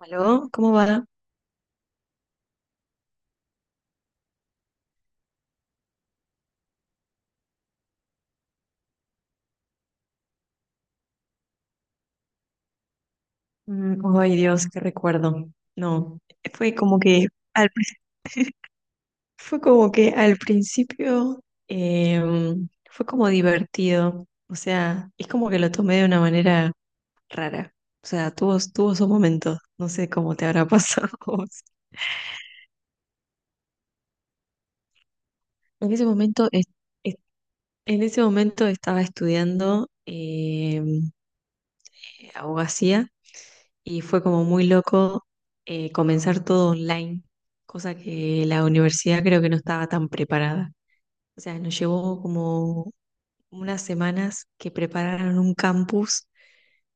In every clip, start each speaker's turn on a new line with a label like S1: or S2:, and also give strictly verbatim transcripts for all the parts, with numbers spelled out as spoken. S1: ¿Aló? ¿Cómo va? Mm, ay, Dios, qué recuerdo. No, fue como que al, pri- fue como que al principio em, fue como divertido. O sea, es como que lo tomé de una manera rara. O sea, tuvo, tuvo su momento. No sé cómo te habrá pasado a vos. En ese momento, es- es- en ese momento estaba estudiando em, abogacía y fue como muy loco eh, comenzar todo online, cosa que la universidad creo que no estaba tan preparada. O sea, nos llevó como unas semanas que prepararon un campus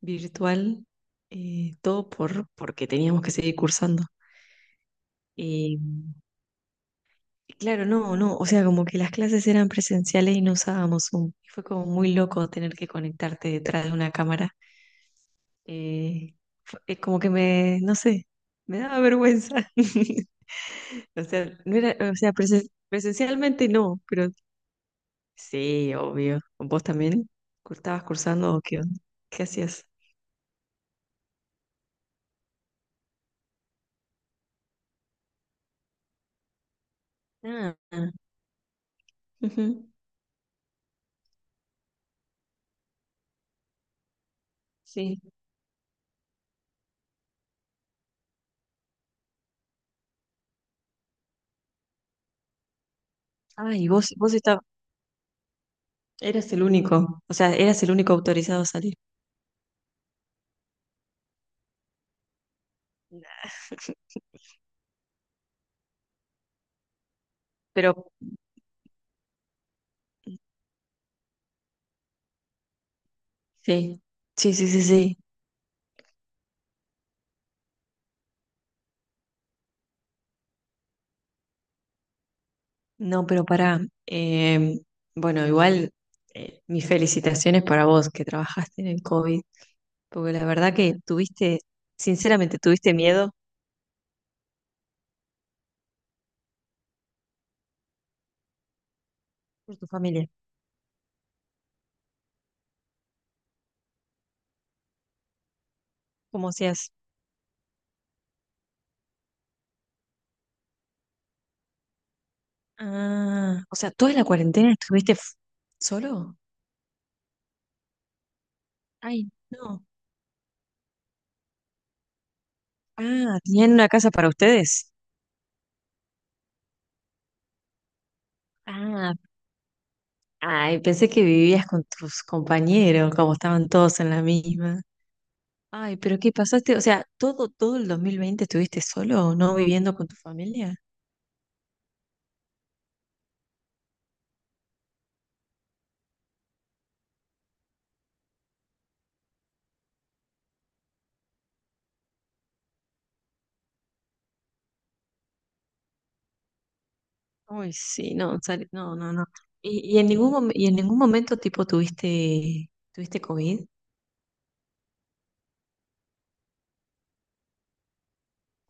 S1: virtual, eh, todo por, porque teníamos que seguir cursando. Y claro, no, no, o sea, como que las clases eran presenciales y no usábamos Zoom. Y fue como muy loco tener que conectarte detrás de una cámara. Eh, fue- eh, como que me, no sé, me daba vergüenza. O sea, no era, o sea, presen- presencialmente no, pero sí, obvio. ¿Vos también? ¿Estabas cursando o qué onda? ¿Qué hacías? Ah, ujú, sí. Ah, y vos, vos estabas, eras el único, o sea, eras el único autorizado a salir. Nah. Pero sí, sí, sí, sí, sí. No, pero pará. em, bueno, igual eh, mis felicitaciones para vos que trabajaste en el COVID, porque la verdad que tuviste, sinceramente, tuviste miedo por tu familia. Como si es. Ah, o sea, ¿toda la cuarentena estuviste f- solo? Ay, no. Ah, ¿tenían una casa para ustedes? Ah, ay, pensé que vivías con tus compañeros, como estaban todos en la misma. Ay, pero ¿qué pasaste? O sea, ¿todo, todo el dos mil veinte estuviste solo, no viviendo con tu familia? Uy, sí, no, sal- no, no, no. ¿Y, y en ningún mom- y en ningún momento tipo tuviste, tuviste COVID?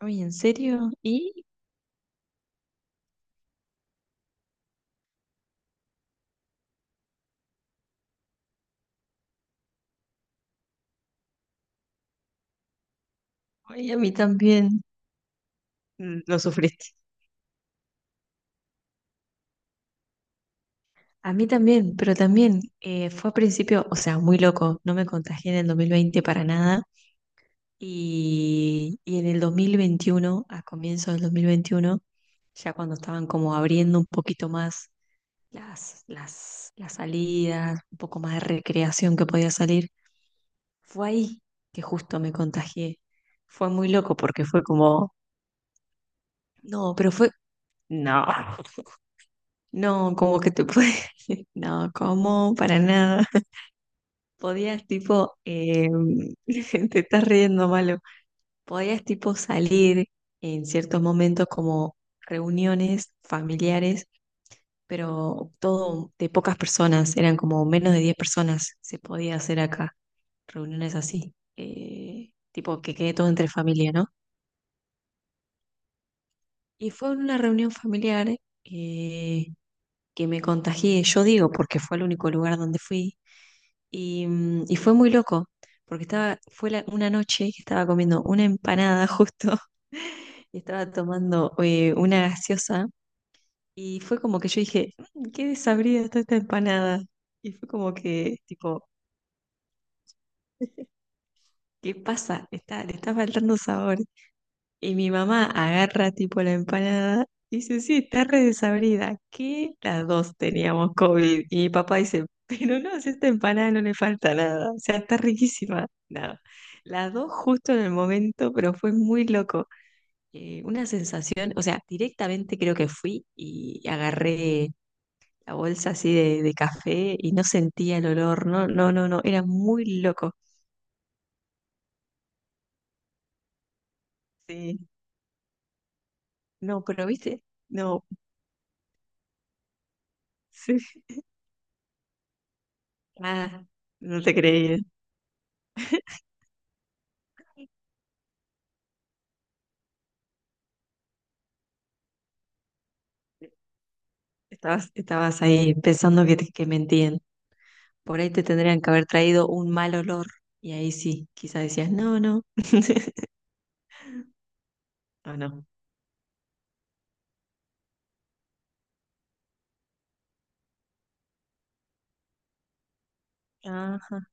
S1: Uy, ¿en serio? ¿Y? Ay, a mí también mm, lo sufrí. A mí también, pero también eh, fue a principio, o sea, muy loco, no me contagié en el dos mil veinte para nada y, y en el dos mil veintiuno, a comienzos del dos mil veintiuno, ya cuando estaban como abriendo un poquito más las, las, las salidas, un poco más de recreación que podía salir, fue ahí que justo me contagié. Fue muy loco porque fue como, no, pero fue, no, no, como que te puede, no, como, para nada. Podías tipo, eh, te estás riendo, malo. Podías tipo salir en ciertos momentos como reuniones familiares, pero todo de pocas personas, eran como menos de diez personas se podía hacer acá, reuniones así, eh, tipo que quede todo entre familia, ¿no? Y fue una reunión familiar eh, que me contagié, yo digo, porque fue el único lugar donde fui, y, mm, y fue muy loco, porque estaba, fue la- una noche que estaba comiendo una empanada justo, y estaba tomando eh, una gaseosa, y fue como que yo dije, "Mm, qué desabrida está esta empanada, y fue como que, tipo, ¿qué pasa? Está, le está faltando sabor. Y mi mamá agarra tipo la empanada, y dice, sí, está re desabrida, que las dos teníamos COVID. Y mi papá dice, pero no, si a esta empanada no le falta nada, o sea, está riquísima. Nada. Las dos justo en el momento, pero fue muy loco. Eh, una sensación, o sea, directamente creo que fui y agarré la bolsa así de, de café y no sentía el olor, no, no, no, no, era muy loco. Sí, no, pero viste, no, sí, ah, no te creí. ¿Eh? Estabas, estabas ahí pensando que, te- que mentían. Por ahí te tendrían que haber traído un mal olor. Y ahí sí, quizás decías, no, no. No, no. Ajá.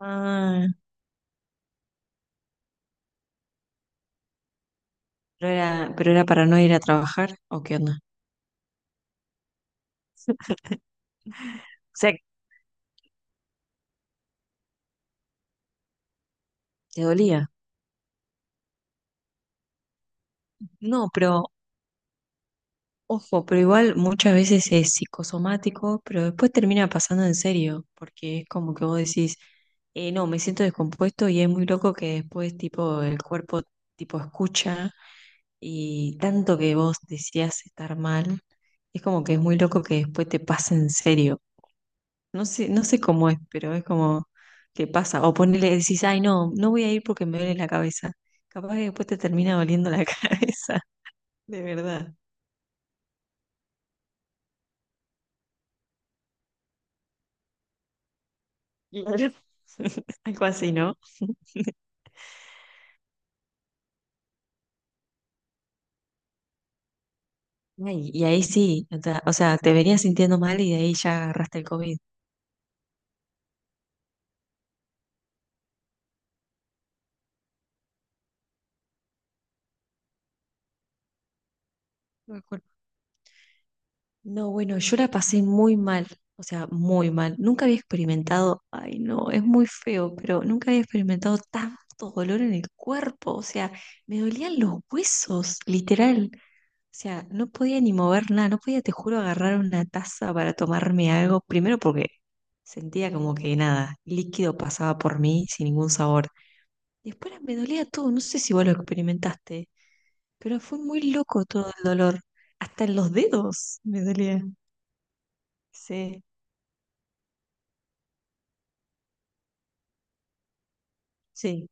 S1: Ah. Pero era, pero era para no ir a trabajar, ¿o qué onda? O sea, te dolía. No, pero ojo, pero igual muchas veces es psicosomático, pero después termina pasando en serio, porque es como que vos decís, eh, no, me siento descompuesto y es muy loco que después tipo el cuerpo tipo escucha. Y tanto que vos decías estar mal, es como que es muy loco que después te pase en serio. No sé, no sé cómo es, pero es como que pasa. O ponele, decís, ay, no, no voy a ir porque me duele la cabeza. Capaz que después te termina doliendo la cabeza, de verdad. Claro. Algo así, ¿no? Ay, y ahí sí, o sea, o sea, te venías sintiendo mal y de ahí ya agarraste el COVID. No, bueno, yo la pasé muy mal, o sea, muy mal. Nunca había experimentado, ay no, es muy feo, pero nunca había experimentado tanto dolor en el cuerpo, o sea, me dolían los huesos, literal. O sea, no podía ni mover nada, no podía, te juro, agarrar una taza para tomarme algo, primero porque sentía como que nada, líquido pasaba por mí sin ningún sabor. Después me dolía todo, no sé si vos lo experimentaste, pero fue muy loco todo el dolor, hasta en los dedos me dolía. Sí. Sí,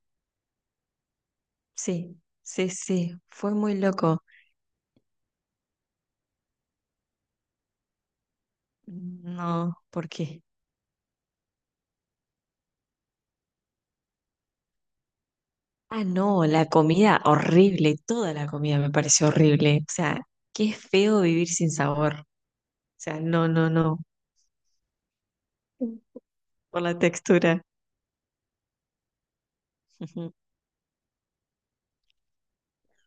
S1: sí, sí, sí, fue muy loco. No, ¿por qué? Ah, no, la comida horrible, toda la comida me pareció horrible. O sea, qué feo vivir sin sabor. O sea, no, no, no, por la textura. Ujú.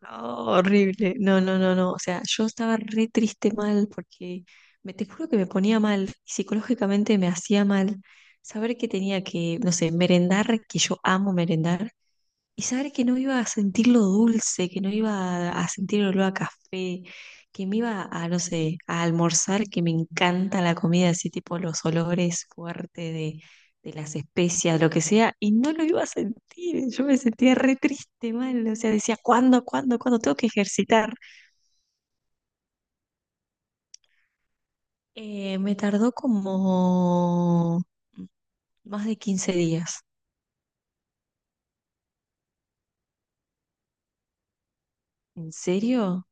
S1: No, horrible, no, no, no, no. O sea, yo estaba re triste mal porque me te juro que me ponía mal, psicológicamente me hacía mal saber que tenía que, no sé, merendar, que yo amo merendar. Y saber que no iba a sentir lo dulce, que no iba a sentir el olor a café, que me iba a, no sé, a almorzar, que me encanta la comida, así tipo los olores fuertes de, de las especias, lo que sea, y no lo iba a sentir. Yo me sentía re triste, mal. O sea, decía, ¿cuándo, cuándo, cuándo tengo que ejercitar? Eh, me tardó como más de quince días. ¿En serio?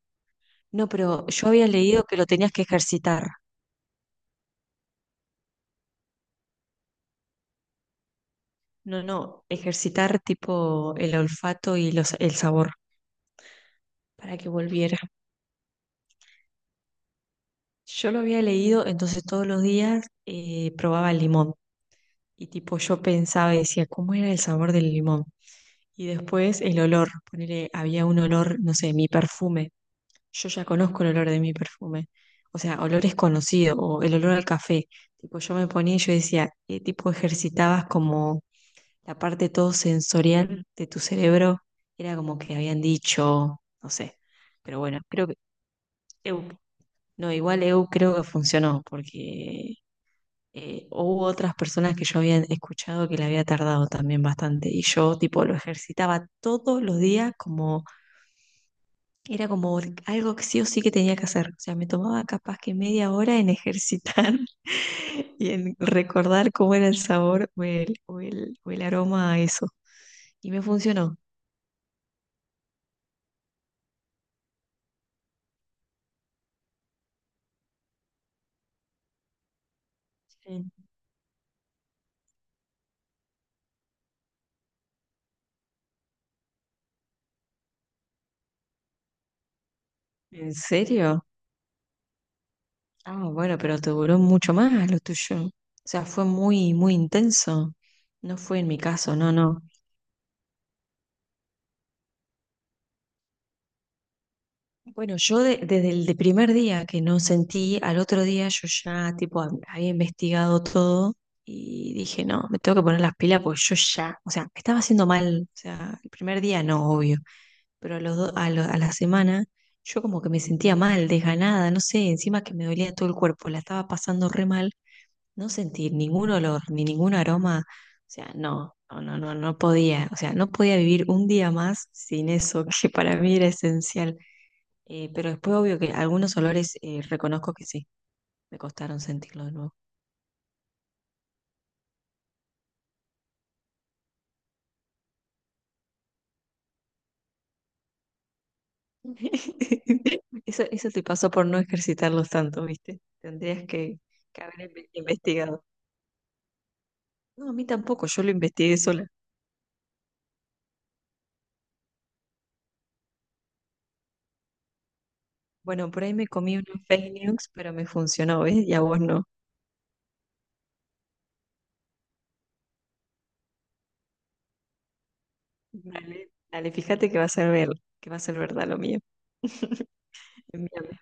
S1: No, pero yo había leído que lo tenías que ejercitar. No, no, ejercitar tipo el olfato y los, el sabor para que volviera. Yo lo había leído, entonces todos los días eh, probaba el limón y tipo yo pensaba y decía, ¿cómo era el sabor del limón? Y después el olor, ponele, había un olor, no sé, mi perfume. Yo ya conozco el olor de mi perfume. O sea, olores conocidos o el olor al café. Tipo, yo me ponía y yo decía, eh, tipo ejercitabas como la parte todo sensorial de tu cerebro era como que habían dicho, no sé, pero bueno, creo que Eu, no, igual Eu creo que funcionó, porque eh, hubo otras personas que yo había escuchado que le había tardado también bastante, y yo tipo lo ejercitaba todos los días como, era como algo que sí o sí que tenía que hacer, o sea, me tomaba capaz que media hora en ejercitar y en recordar cómo era el sabor o el, o el, o el, aroma a eso. Y me funcionó. Sí. ¿En serio? Ah, bueno, pero te duró mucho más lo tuyo. O sea, fue muy, muy intenso. No fue en mi caso, no, no. Bueno, yo de- desde el de primer día que no sentí, al otro día yo ya tipo hab- había investigado todo y dije, no, me tengo que poner las pilas porque yo ya, o sea, me estaba haciendo mal, o sea, el primer día no, obvio, pero a, los do- a, lo- a la semana yo como que me sentía mal, desganada, no sé, encima que me dolía todo el cuerpo, la estaba pasando re mal no sentir ningún olor ni ningún aroma, o sea, no, no, no, no, no podía, o sea, no podía vivir un día más sin eso, que para mí era esencial. Eh, pero después, obvio que algunos olores eh, reconozco que sí, me costaron sentirlo de nuevo. Eso, eso te pasó por no ejercitarlos tanto, ¿viste? Tendrías que, que, haber inve- investigado. No, a mí tampoco, yo lo investigué sola. Bueno, por ahí me comí unos fake news, pero me funcionó, ¿ves? Y a vos no. Dale, dale, fíjate que va a ser ver, que va a ser verdad lo mío. Envíame.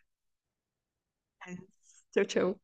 S1: Chau, chau.